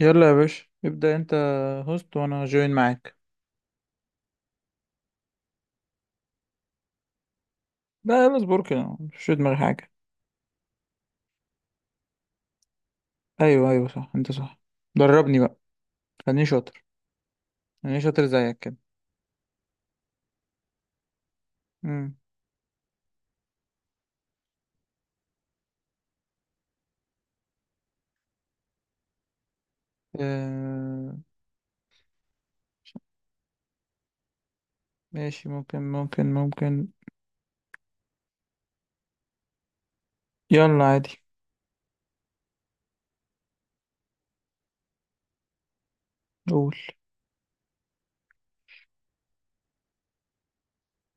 يلا يا باشا ابدأ انت. هوست وانا جوين معاك. لا، يلا اصبر كده، مش في دماغي حاجة. ايوه ايوه صح، انت صح. دربني بقى. خليني شاطر. خليني شاطر زيك كده. امم. آه... ماشي. ممكن ممكن ممكن. يلا عادي. قول.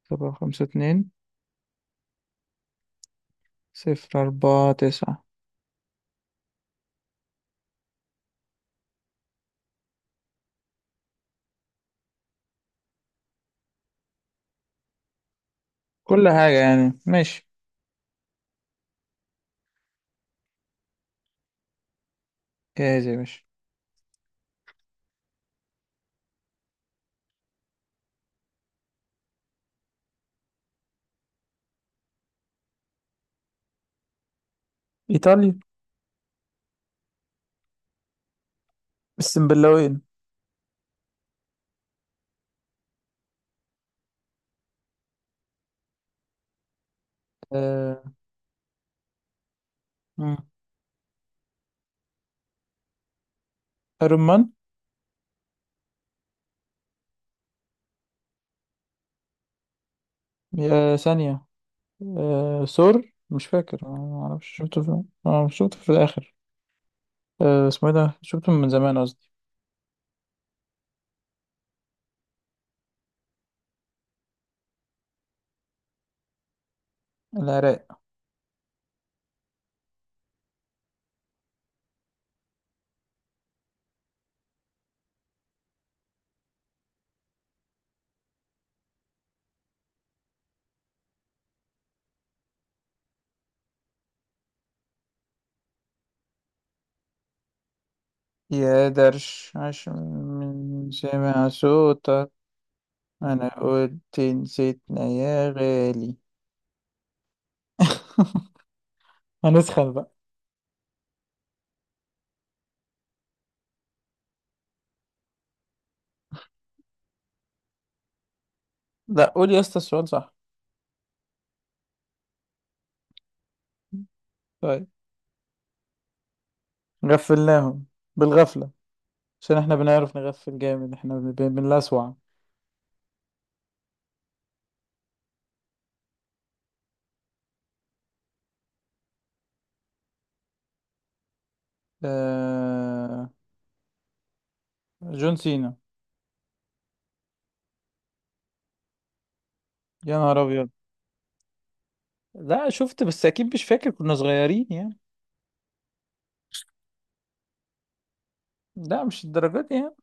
7 5 2. 0 4 9. كل حاجة يعني، ماشي. جاهز يا باشا. إيطاليا. السنبلاوين. آه... مم. أيرون مان. يا ثانية. آه ثور، مش فاكر، ما اعرفش شفته في شفته في الاخر. آه اسمه ايه ده، شفته من زمان قصدي. العراق. يا درش عشان من سمع صوتك. انا قلت نسيتنا يا غالي. هنسخن بقى. لا قول يا اسطى السؤال صح. طيب. غفلناهم. بالغفلة. عشان احنا بنعرف نغفل جامد. احنا بنلسوع. آه. جون سينا. يا نهار ابيض. لا شفت، بس اكيد مش فاكر، كنا صغيرين يعني. لا مش الدرجات دي يعني.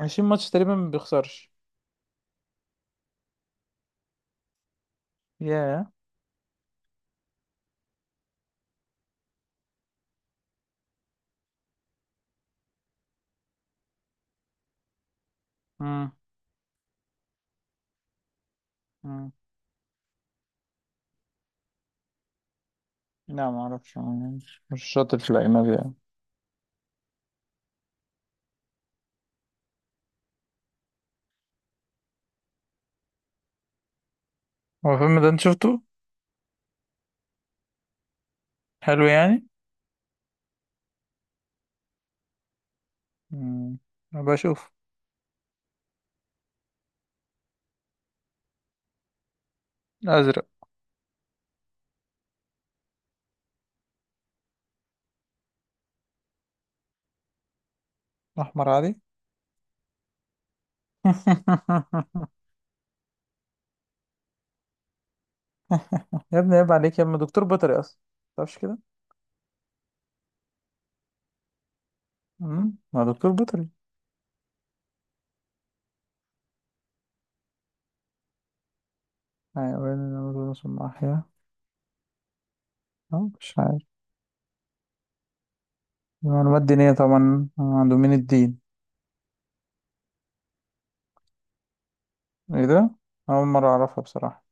20 ماتش تقريبا ما بيخسرش. ياه. امم. امم. لا ما اعرفش، مش شاطر في الاجنبي يعني. هو الفيلم ده انت شفته؟ حلو يعني. امم. ابقى اشوف. ازرق. احمر عادي. يا ابني عيب عليك، يا ابني دكتور بيطري اصلا. متعرفش كده. امم. ما دكتور بيطري. حيوان النمور ثم احيا. مش عارف. معلومات دينية طبعا عنده من الدين. ايه ده. اول مرة اعرفها بصراحة.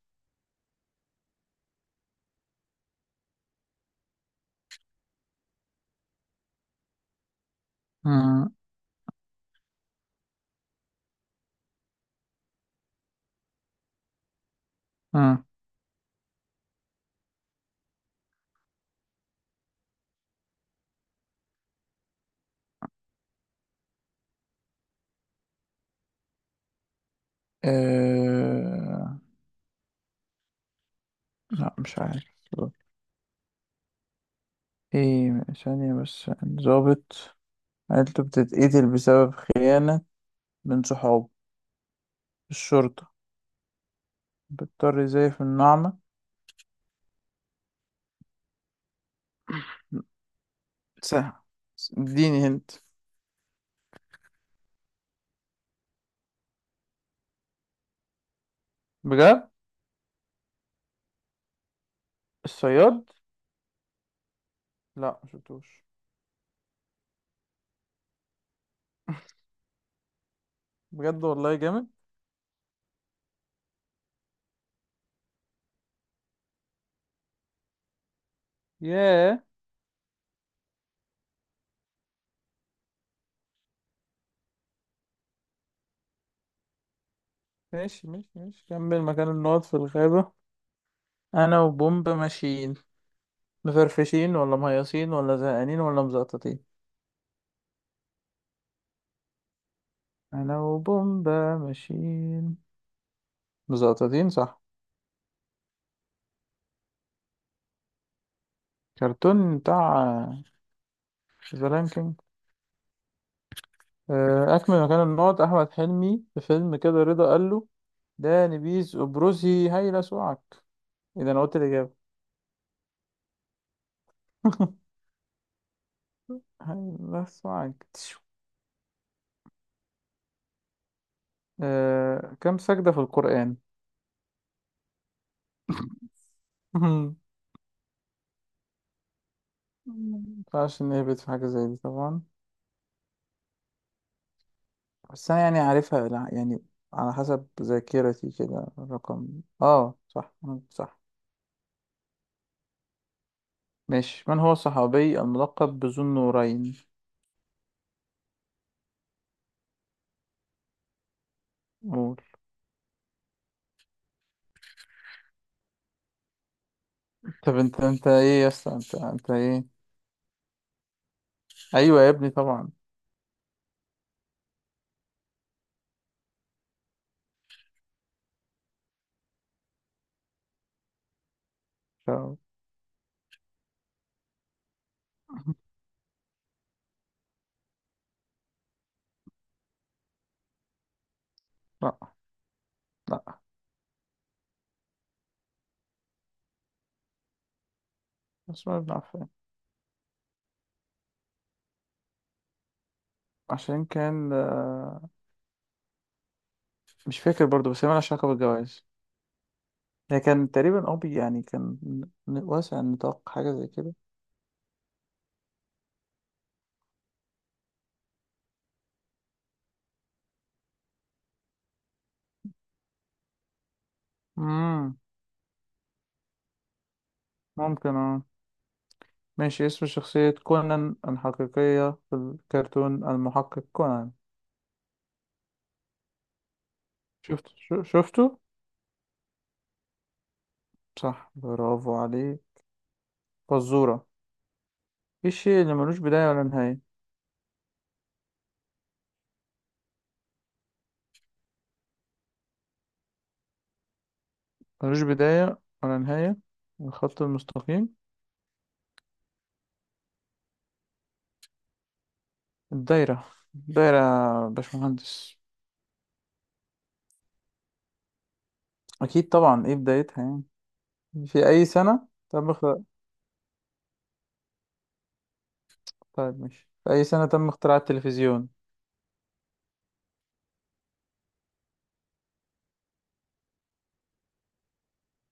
امم. امم. أه... لا مش عارف. ايه ثانية بس، ضابط عيلته بتتقتل بسبب خيانة من صحابه الشرطة، بيضطر يزيف النعمة. سهل. اديني هنت. بجد. الصياد. لا مشفتوش. بجد والله جامد. ياه. ماشي ماشي ماشي. كمل مكان النقط في الغابة. أنا وبومب ماشيين. مفرفشين ولا مهيصين ولا زهقانين ولا مزقططين. أنا وبومب ماشيين مزقططين صح. كرتون بتاع شذران. أكمل مكان النقط. أحمد حلمي في فيلم كده رضا قال له: ده نبيذ أبرزي هيلا سوعك. إذا أنا قلت الإجابة. هيلا سوعك تشو. كم سجدة في القرآن؟ مينفعش نهبط في حاجة زي دي طبعا. بس أنا يعني عارفها، لا، يعني على حسب ذاكرتي كده الرقم. آه صح. صح. ماشي. من هو الصحابي الملقب بذو النورين؟ قول. طب انت، انت ايه يا اسطى انت ايه؟ ايوه يا ابني طبعا. ف... لا لا. اسماء بن عفان. عشان كان، مش فاكر برضو، بس هي مالهاش علاقة بالجواز. هي كان تقريبا أبي يعني كان واسع النطاق، حاجة زي كده. مم. ممكن اه. ماشي. اسم شخصية كونان الحقيقية في الكرتون المحقق كونان. شفت شفته؟ صح، برافو عليه. فزورة. ايه الشيء اللي ملوش بداية ولا نهاية؟ ملوش بداية ولا نهاية الخط المستقيم. الدايرة. دايرة يا باشمهندس. أكيد طبعا، إيه بدايتها يعني. في أي سنة تم اختراع. طيب ماشي، في أي سنة تم اختراع التلفزيون؟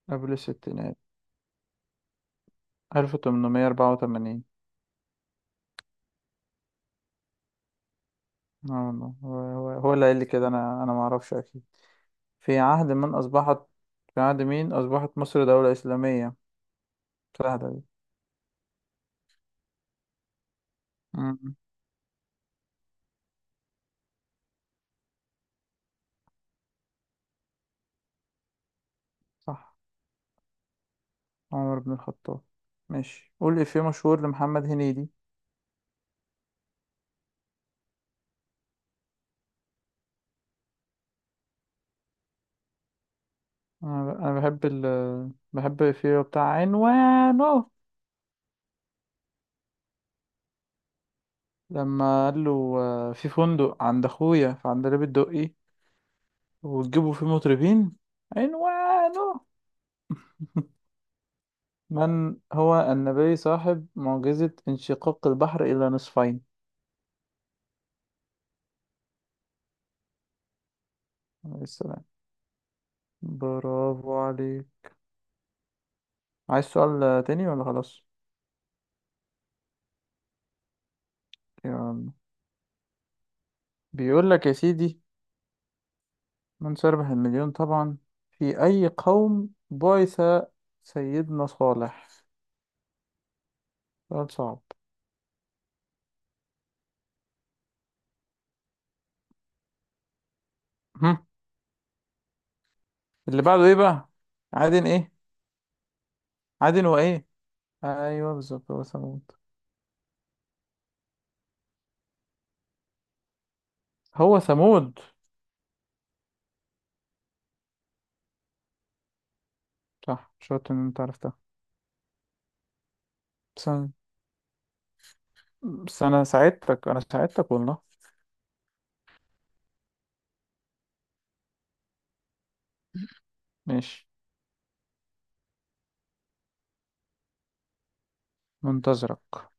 قبل الستينات. 1884. اه والله، هو اللي قال لي كده، أنا معرفش أكيد. في عهد من أصبحت. في عهد مين أصبحت مصر دولة إسلامية؟ سهلة دي. مم. صح. عمر بن الخطاب. ماشي. قول إفيه مشهور لمحمد هنيدي. أنا بحب الإفيه بتاع عنوانه. لما قال له في فندق عند اخويا في عندليب الدقي، وتجيبوا فيه مطربين عنوانه. من هو النبي صاحب معجزة انشقاق البحر إلى نصفين. عليه السلام. برافو عليك. عايز سؤال تاني ولا خلاص؟ يعني. بيقول لك يا سيدي، من سيربح المليون طبعا، في أي قوم بعث سيدنا صالح. سؤال صعب. هم. اللي بعده ايه بقى. عادن ايه. عادن وايه. ايوه بالظبط هو ثمود. هو ثمود. صح، شاطر ان انت عرفتها. بس انا. بس أنا ساعدتك، انا ساعدتك والله. ماشي. منتظرك.